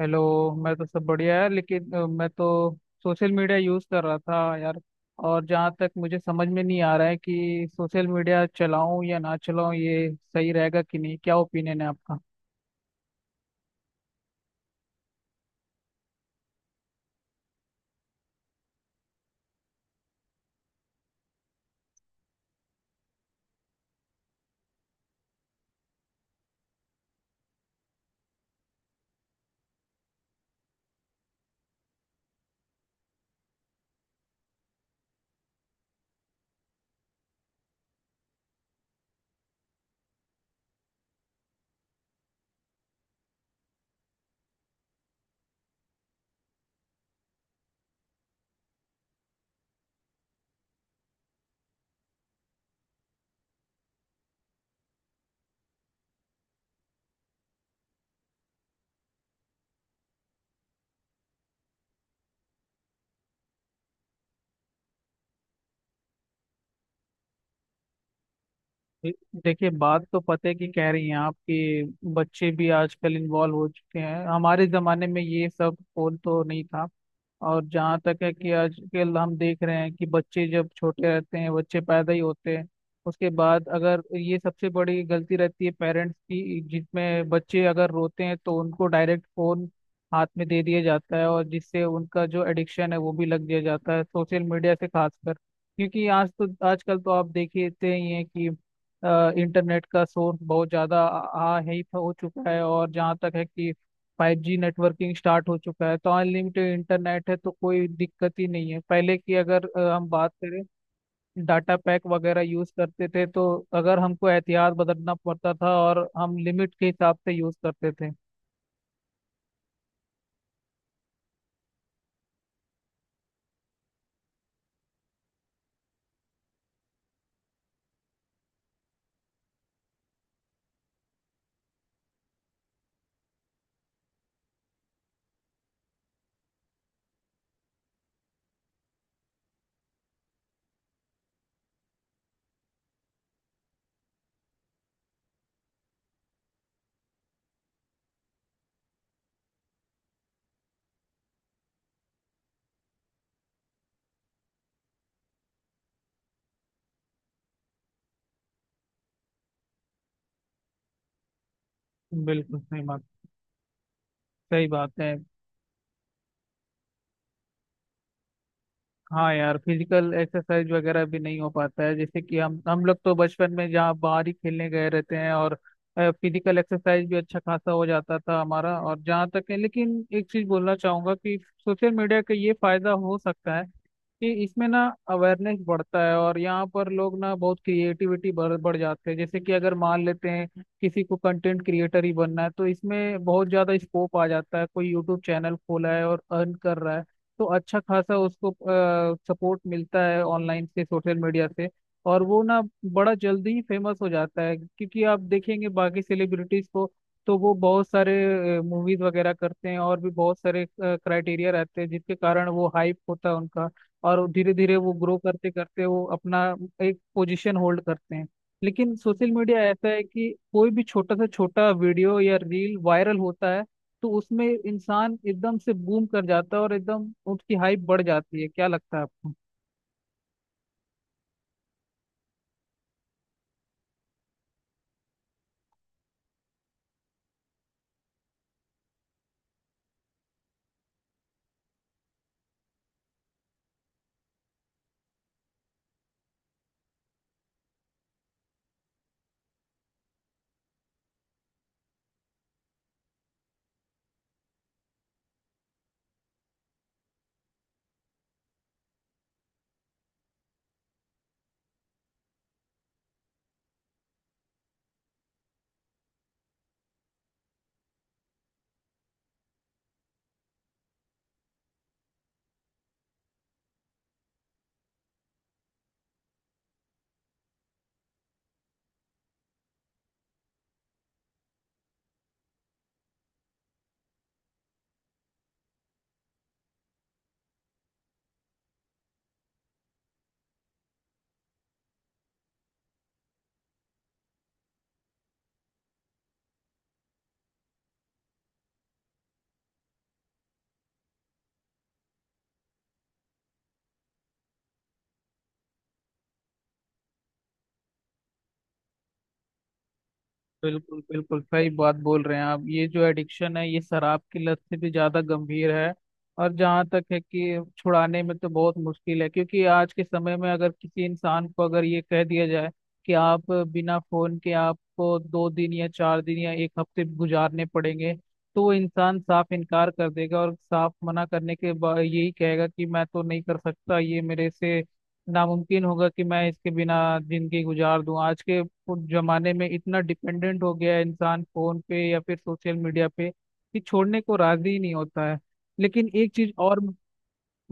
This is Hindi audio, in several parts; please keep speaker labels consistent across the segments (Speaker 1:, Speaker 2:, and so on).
Speaker 1: हेलो। मैं तो सब बढ़िया है लेकिन मैं तो सोशल मीडिया यूज़ कर रहा था यार। और जहाँ तक मुझे समझ में नहीं आ रहा है कि सोशल मीडिया चलाऊं या ना चलाऊं, ये सही रहेगा कि नहीं? क्या ओपिनियन है आपका? दे- देखिए, बात तो पते की कह रही हैं आप कि बच्चे भी आजकल इन्वॉल्व हो चुके हैं। हमारे ज़माने में ये सब फोन तो नहीं था। और जहाँ तक है कि आजकल हम देख रहे हैं कि बच्चे जब छोटे रहते हैं, बच्चे पैदा ही होते हैं उसके बाद अगर ये सबसे बड़ी गलती रहती है पेरेंट्स की, जिसमें बच्चे अगर रोते हैं तो उनको डायरेक्ट फोन हाथ में दे दिया जाता है और जिससे उनका जो एडिक्शन है वो भी लग दिया जाता है सोशल मीडिया से, खासकर क्योंकि आज तो आजकल तो आप देखते ही हैं कि इंटरनेट का सोर्स बहुत ज़्यादा आ आ- है ही हो चुका है। और जहाँ तक है कि 5G नेटवर्किंग स्टार्ट हो चुका है तो अनलिमिटेड इंटरनेट है तो कोई दिक्कत ही नहीं है। पहले की अगर हम बात करें डाटा पैक वगैरह यूज करते थे तो अगर हमको एहतियात बदलना पड़ता था और हम लिमिट के हिसाब से यूज करते थे। बिल्कुल सही बात। सही बात है। हाँ यार, फिजिकल एक्सरसाइज वगैरह भी नहीं हो पाता है जैसे कि हम लोग तो बचपन में जहाँ बाहर ही खेलने गए रहते हैं और फिजिकल एक्सरसाइज भी अच्छा खासा हो जाता था हमारा। और जहाँ तक है, लेकिन एक चीज बोलना चाहूंगा कि सोशल मीडिया का ये फायदा हो सकता है कि इसमें ना अवेयरनेस बढ़ता है और यहाँ पर लोग ना बहुत क्रिएटिविटी बढ़ बढ़ जाते हैं। जैसे कि अगर मान लेते हैं किसी को कंटेंट क्रिएटर ही बनना है तो इसमें बहुत ज़्यादा स्कोप आ जाता है। कोई यूट्यूब चैनल खोला है और अर्न कर रहा है तो अच्छा खासा उसको सपोर्ट मिलता है ऑनलाइन से, सोशल मीडिया से। और वो ना बड़ा जल्दी ही फेमस हो जाता है क्योंकि आप देखेंगे बाकी सेलिब्रिटीज को तो वो बहुत सारे मूवीज वगैरह करते हैं और भी बहुत सारे क्राइटेरिया रहते हैं जिसके कारण वो हाइप होता है उनका। और धीरे धीरे वो ग्रो करते करते वो अपना एक पोजीशन होल्ड करते हैं। लेकिन सोशल मीडिया ऐसा है कि कोई भी छोटा से छोटा वीडियो या रील वायरल होता है तो उसमें इंसान एकदम से बूम कर जाता है और एकदम उसकी हाइप बढ़ जाती है। क्या लगता है आपको? बिल्कुल बिल्कुल सही बात बोल रहे हैं आप। ये जो एडिक्शन है ये शराब की लत से भी ज्यादा गंभीर है। और जहाँ तक है कि छुड़ाने में तो बहुत मुश्किल है क्योंकि आज के समय में अगर किसी इंसान को अगर ये कह दिया जाए कि आप बिना फोन के आपको 2 दिन या 4 दिन या 1 हफ्ते गुजारने पड़ेंगे तो वो इंसान साफ इनकार कर देगा और साफ मना करने के बाद यही कहेगा कि मैं तो नहीं कर सकता ये मेरे से। नामुमकिन होगा कि मैं इसके बिना जिंदगी गुजार दूं। आज के जमाने में इतना डिपेंडेंट हो गया है इंसान फोन पे या फिर सोशल मीडिया पे कि छोड़ने को राजी ही नहीं होता है। लेकिन एक चीज और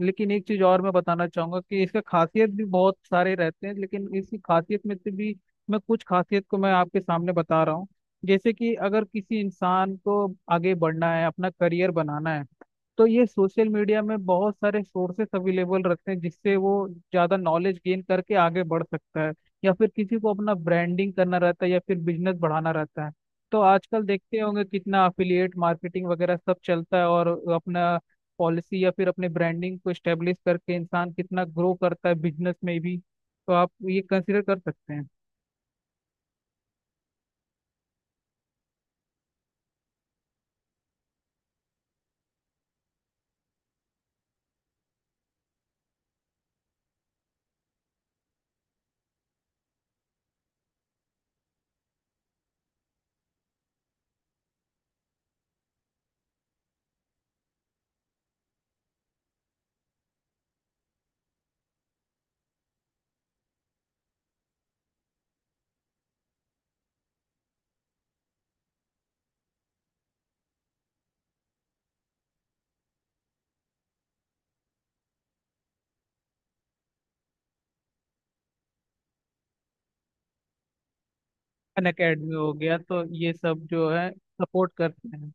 Speaker 1: लेकिन एक चीज और मैं बताना चाहूंगा कि इसका खासियत भी बहुत सारे रहते हैं। लेकिन इसकी खासियत में से भी मैं कुछ खासियत को मैं आपके सामने बता रहा हूँ। जैसे कि अगर किसी इंसान को आगे बढ़ना है, अपना करियर बनाना है तो ये सोशल मीडिया में बहुत सारे सोर्सेस अवेलेबल रखते हैं जिससे वो ज़्यादा नॉलेज गेन करके आगे बढ़ सकता है। या फिर किसी को अपना ब्रांडिंग करना रहता है या फिर बिजनेस बढ़ाना रहता है तो आजकल देखते होंगे कितना अफिलिएट मार्केटिंग वगैरह सब चलता है और अपना पॉलिसी या फिर अपने ब्रांडिंग को स्टेब्लिश करके इंसान कितना ग्रो करता है बिजनेस में भी। तो आप ये कंसिडर कर सकते हैं। अन अकेडमी हो गया, तो ये सब जो है सपोर्ट करते हैं।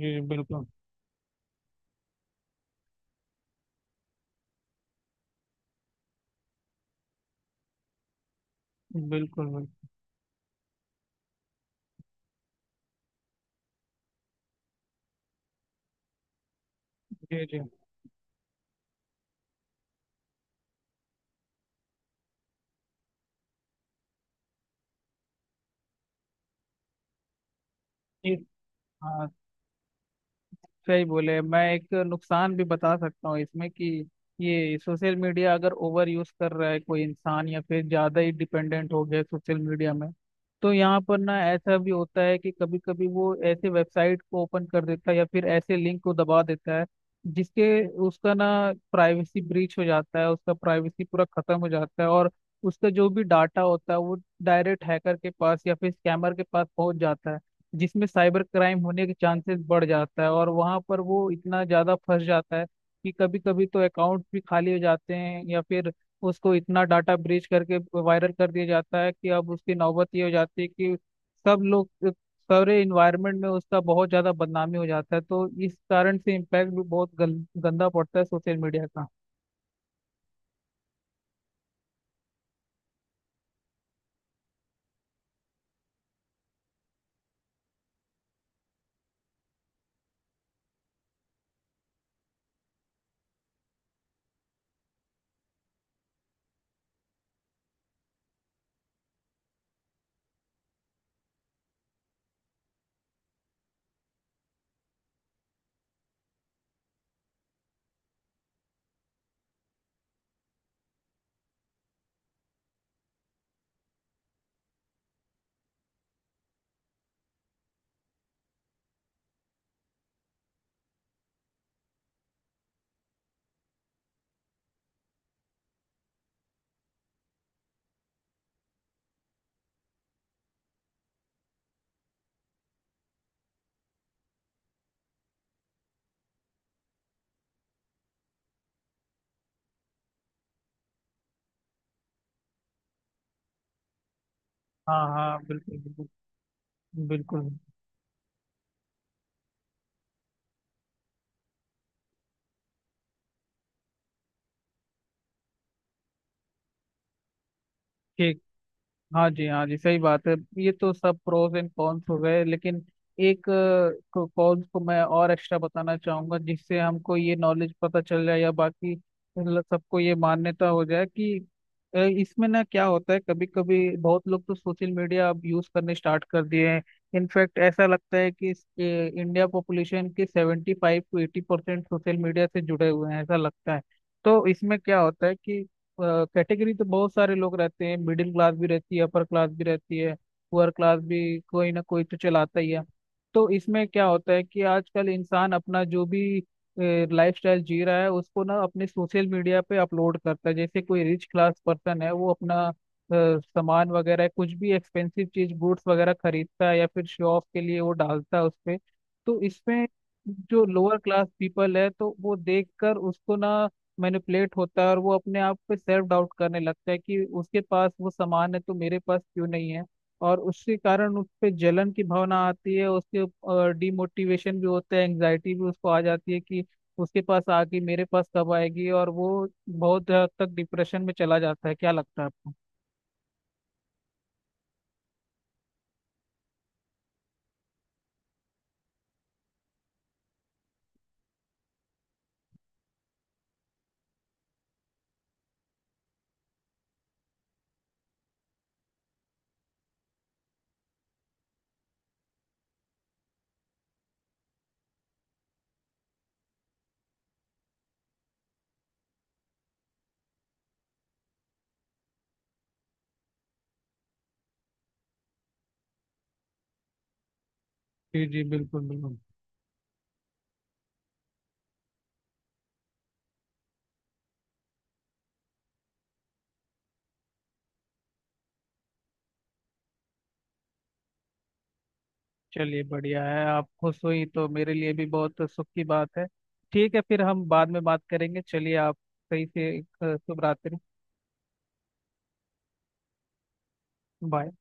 Speaker 1: जी बिल्कुल। बिल्कुल। बिल्कुल। जी जी हाँ। सही बोले, मैं एक नुकसान भी बता सकता हूँ इसमें कि ये सोशल मीडिया अगर ओवर यूज कर रहा है कोई इंसान या फिर ज्यादा ही डिपेंडेंट हो गया सोशल मीडिया में तो यहाँ पर ना ऐसा भी होता है कि कभी कभी वो ऐसे वेबसाइट को ओपन कर देता है या फिर ऐसे लिंक को दबा देता है जिसके उसका ना प्राइवेसी ब्रीच हो जाता है, उसका प्राइवेसी पूरा खत्म हो जाता है और उसका जो भी डाटा होता है वो डायरेक्ट हैकर के पास या फिर स्कैमर के पास पहुंच जाता है। जिसमें साइबर क्राइम होने के चांसेस बढ़ जाता है और वहां पर वो इतना ज्यादा फंस जाता है कि कभी कभी तो अकाउंट भी खाली हो जाते हैं या फिर उसको इतना डाटा ब्रीच करके वायरल कर दिया जाता है कि अब उसकी नौबत ये हो जाती है कि सब लोग, सारे इन्वायरमेंट में उसका बहुत ज्यादा बदनामी हो जाता है। तो इस कारण से इम्पैक्ट भी बहुत गंदा पड़ता है सोशल मीडिया का। हाँ हाँ बिल्कुल। बिल्कुल बिल्कुल। ठीक। हाँ जी, हाँ जी, सही बात है। ये तो सब प्रोज एंड कॉन्स हो गए लेकिन एक कॉन्स को मैं और एक्स्ट्रा बताना चाहूंगा जिससे हमको ये नॉलेज पता चल जाए या बाकी सबको ये मान्यता हो जाए कि इसमें ना क्या होता है कभी कभी बहुत लोग तो सोशल मीडिया अब यूज करने स्टार्ट कर दिए हैं। इनफैक्ट ऐसा लगता है कि इंडिया पॉपुलेशन के 75 to 80% सोशल मीडिया से जुड़े हुए हैं, ऐसा लगता है। तो इसमें क्या होता है, कैटेगरी तो बहुत सारे लोग रहते हैं। मिडिल क्लास भी रहती है, अपर क्लास भी रहती है, पुअर क्लास भी। कोई ना कोई तो चलाता ही है। तो इसमें क्या होता है कि आजकल इंसान अपना जो भी लाइफ स्टाइल जी रहा है उसको ना अपने सोशल मीडिया पे अपलोड करता है। जैसे कोई रिच क्लास पर्सन है, वो अपना सामान वगैरह कुछ भी एक्सपेंसिव चीज गुड्स वगैरह खरीदता है या फिर शो ऑफ के लिए वो डालता है उस पे। तो इसमें जो लोअर क्लास पीपल है तो वो देखकर उसको ना मैनिपुलेट होता है और वो अपने आप पे सेल्फ डाउट करने लगता है कि उसके पास वो सामान है तो मेरे पास क्यों नहीं है। और उसके कारण उस पे जलन की भावना आती है, उसके डिमोटिवेशन भी होता है, एंग्जाइटी भी उसको आ जाती है कि उसके पास आके मेरे पास कब आएगी और वो बहुत हद तक डिप्रेशन में चला जाता है। क्या लगता है आपको? जी जी बिल्कुल बिल्कुल। चलिए बढ़िया है, आप खुश हुई तो मेरे लिए भी बहुत सुख की बात है। ठीक है, फिर हम बाद में बात करेंगे। चलिए, आप सही से शुभ रात्रि। बाय।